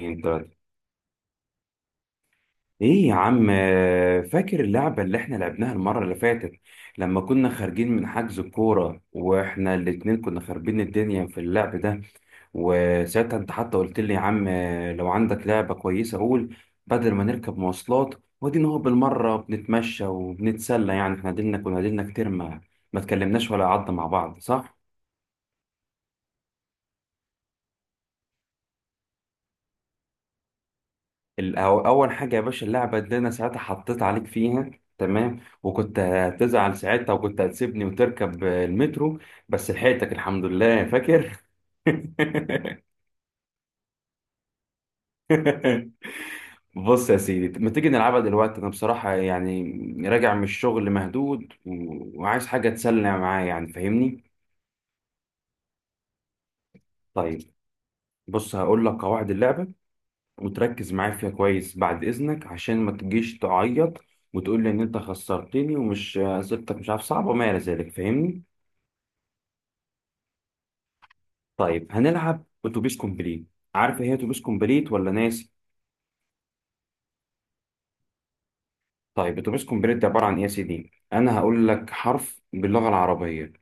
انت، ايه يا عم؟ فاكر اللعبة اللي احنا لعبناها المرة اللي فاتت، لما كنا خارجين من حجز الكورة واحنا الاتنين كنا خاربين الدنيا في اللعب ده. وساعتها انت حتى قلت لي: يا عم، لو عندك لعبة كويسة قول، بدل ما نركب مواصلات ودينا هو بالمرة بنتمشى وبنتسلى. يعني احنا ديلنا كتير ما اتكلمناش ولا قعدنا مع بعض، صح؟ اول حاجه يا باشا، اللعبه اللي انا ساعتها حطيت عليك فيها، تمام. وكنت هتزعل ساعتها وكنت هتسيبني وتركب المترو، بس لحقتك الحمد لله، فاكر؟ بص يا سيدي، ما تيجي نلعبها دلوقتي؟ انا بصراحه يعني راجع من الشغل مهدود وعايز حاجه تسلى معايا، يعني فاهمني؟ طيب، بص هقول لك قواعد اللعبه، وتركز معايا فيها كويس بعد إذنك، عشان ما تجيش تعيط وتقول لي إن أنت خسرتني ومش أسئلتك مش عارف صعبة وما إلى ذلك، فاهمني؟ طيب، هنلعب أتوبيس كومبليت. عارف إيه هي أتوبيس كومبليت ولا ناسي؟ طيب، أتوبيس كومبليت ده عبارة عن إيه يا سيدي؟ أنا هقول لك حرف باللغة العربية،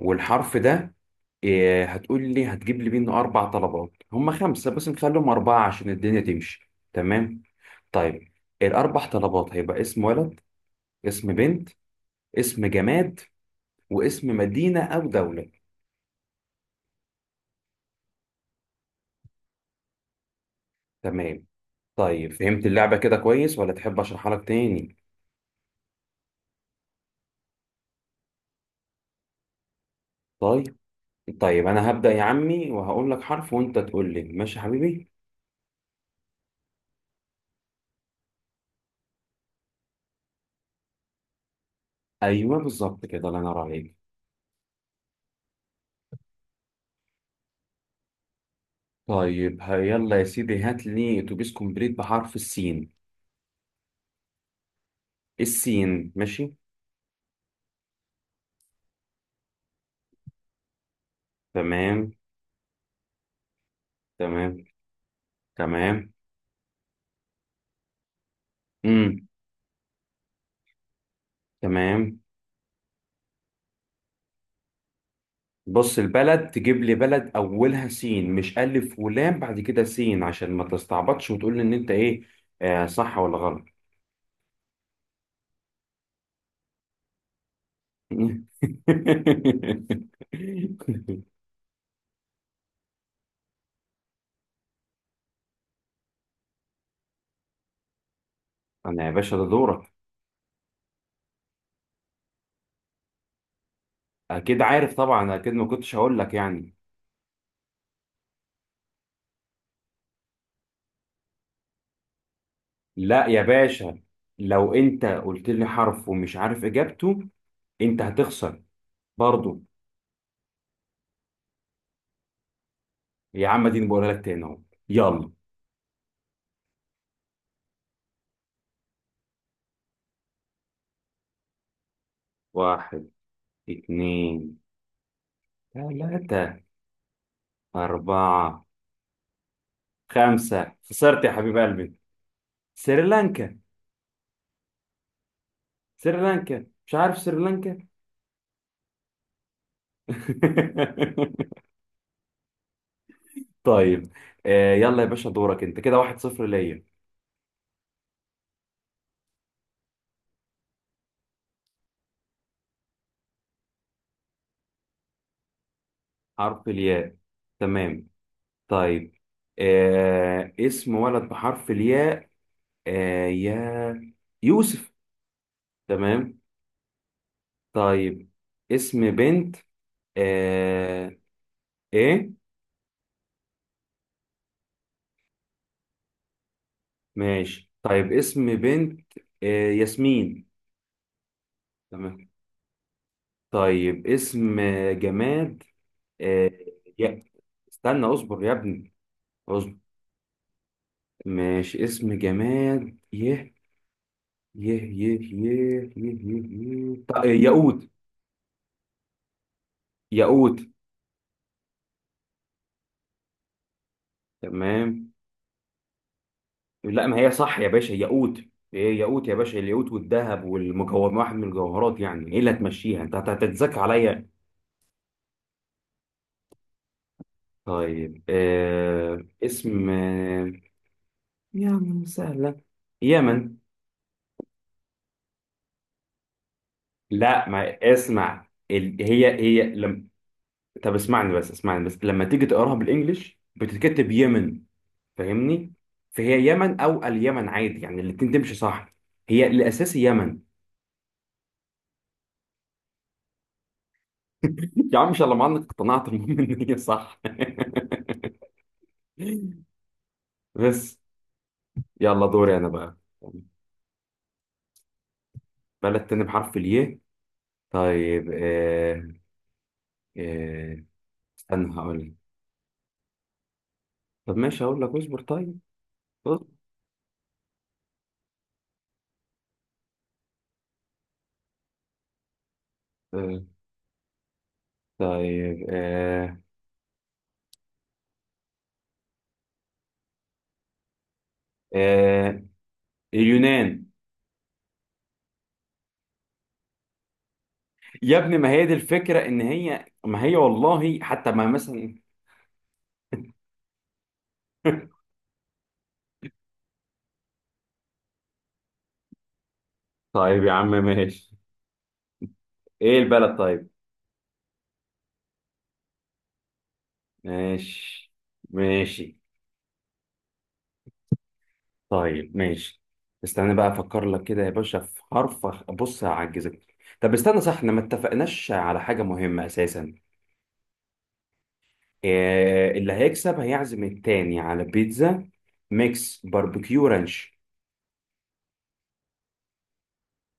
والحرف ده إيه، هتقول لي هتجيب لي منه أربع طلبات. هم خمسة بس نخليهم أربعة عشان الدنيا تمشي، تمام؟ طيب، الأربع طلبات هيبقى اسم ولد، اسم بنت، اسم جماد، واسم مدينة أو دولة. تمام. طيب، فهمت اللعبة كده كويس ولا تحب أشرحها لك تاني؟ طيب. طيب، أنا هبدأ يا عمي وهقول لك حرف وأنت تقول لي. ماشي يا حبيبي؟ أيوه بالظبط كده، الله ينور عليك. طيب، يلا يا سيدي، هات لي أتوبيس كومبليت بحرف السين. السين، ماشي. تمام تمام. تمام. امم تمام. بص، البلد تجيب لي بلد أولها سين، مش ألف ولام بعد كده سين، عشان ما تستعبطش وتقول لي إن أنت إيه. آه، صح ولا غلط؟ انا يا باشا، ده دورك. اكيد عارف طبعا، اكيد ما كنتش هقول لك يعني. لا يا باشا، لو انت قلت لي حرف ومش عارف اجابته، انت هتخسر. برضو. يا عم، دي بقولها لك تاني اهو. يلا. واحد، اتنين، تلاتة، أربعة، خمسة. خسرت يا حبيب قلبي. سريلانكا. سريلانكا، مش عارف سريلانكا. طيب، آه يلا يا باشا دورك انت، كده 1-0 ليا. حرف الياء، تمام. طيب، آه اسم ولد بحرف الياء. آه يا، يوسف. تمام. طيب، اسم بنت. آه، ايه؟ ماشي، طيب اسم بنت. آه، ياسمين. تمام. طيب، اسم جماد. آه يا، استنى اصبر يا ابني. اصبر. ماشي، اسم جماد. يه يه يه يه يه يه, يه. طيب، ياقوت. ياقوت، تمام. لا ما هي صح يا باشا، ياقوت. ايه ياقوت يا باشا، الياقوت والذهب والمجوهر، واحد من الجوهرات يعني. ايه اللي هتمشيها؟ انت هتتذاكى عليا؟ طيب، آه اسم، آه يعني سهلة. يمن. لا، ما اسمع ال... هي لم... طب اسمعني بس، اسمعني بس، لما تيجي تقراها بالانجلش بتتكتب يمن. فاهمني؟ فهي يمن او اليمن، عادي يعني، الاتنين تمشي، صح؟ هي الاساسي يمن. يا عم ان شاء الله ما عندك، اقتنعت، المهم ان هي صح، بس. يلا دوري انا بقى. بلد تاني بحرف الياء، طيب، آه. آه، استنى هقول لك. طب ماشي هقول لك، اصبر، طيب. اصبر. آه، طيب آه. آه، اليونان. يا ابني، ما هي دي الفكرة، ان هي ما هي والله حتى ما مثلا. طيب يا عم ماشي. ايه البلد طيب؟ ماشي، ماشي، طيب. ماشي. استنى بقى افكر لك كده يا باشا في حرف بص هعجزك. طب استنى صح، احنا ما اتفقناش على حاجة مهمة اساسا. إيه اللي هيكسب هيعزم التاني على بيتزا ميكس باربيكيو رانش.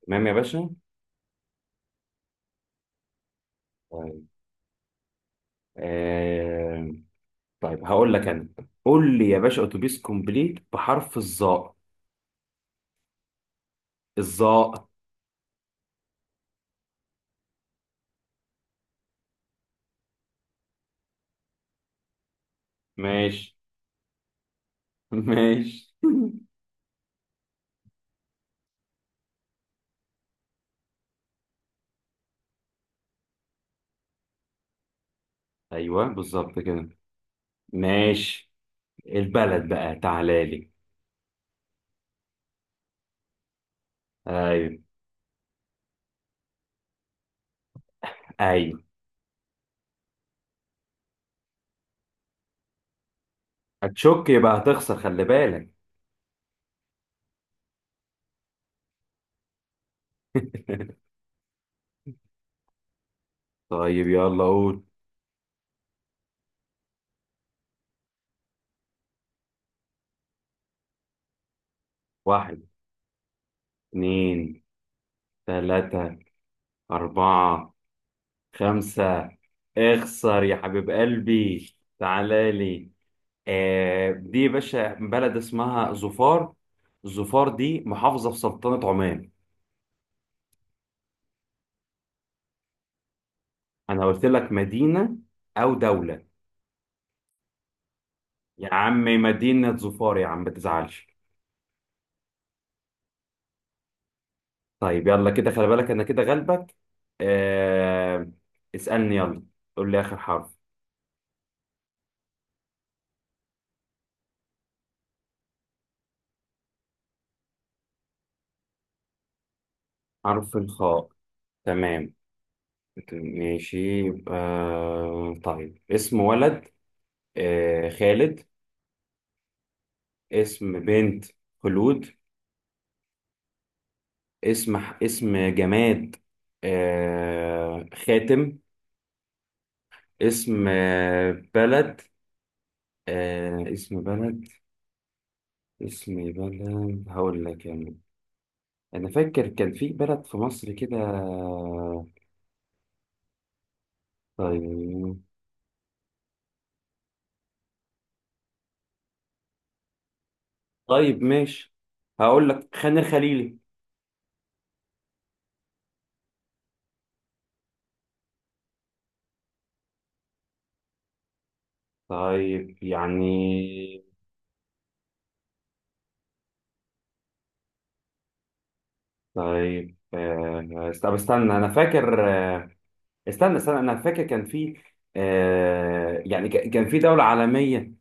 تمام يا باشا. طيب، إيه؟ طيب هقول لك انا. قول لي يا باشا اتوبيس كومبليت بحرف الظاء. الظاء، ماشي. ماشي. ايوه بالظبط كده. ماشي. البلد بقى، تعالى لي. أيوه. ايوه. هتشك يبقى هتخسر، خلي بالك. طيب يلا قول. واحد، اتنين، تلاتة، أربعة، خمسة. اخسر يا حبيب قلبي، تعالى لي. آه دي يا باشا بلد اسمها ظفار. ظفار دي محافظة في سلطنة عمان. أنا قلت لك مدينة أو دولة. يا عم، مدينة ظفار يا عم، ما تزعلش. طيب، يلا كده خلي بالك أنا كده غلبك. آه، اسألني يلا، قول لي آخر حرف. حرف الخاء، تمام. ماشي. يبقى، طيب اسم ولد. آه، خالد. اسم بنت، خلود. اسم اسم جماد. آه، خاتم. اسم آه، بلد. آه، اسم بلد. اسم بلد هقول لك يعني. انا فاكر كان في بلد في مصر كده. طيب. طيب ماشي، هقول لك خان الخليلي. طيب يعني. طيب آه، طب استنى انا فاكر آه. استنى استنى، انا فاكر كان في، آه يعني كان في دولة عالمية.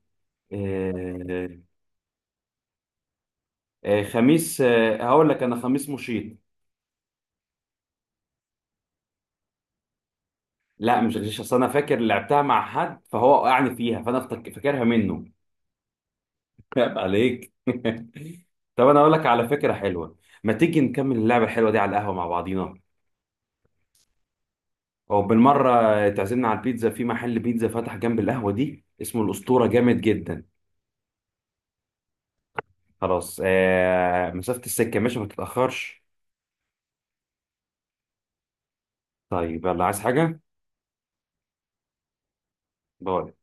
آه، آه، خميس، آه هقول لك انا، خميس مشيط. لا مش غشيش، اصل انا فاكر لعبتها مع حد فهو وقعني فيها، فانا فاكرها منه. عيب عليك. طب انا اقول لك على فكرة حلوة. ما تيجي نكمل اللعبة الحلوة دي على القهوة مع بعضينا، او بالمرة تعزمنا على البيتزا، في محل بيتزا فتح جنب القهوة دي اسمه الأسطورة، جامد جدا. خلاص. آه، مسافة السكة ماشي، ما تتأخرش. طيب، يلا، عايز حاجة؟ باي.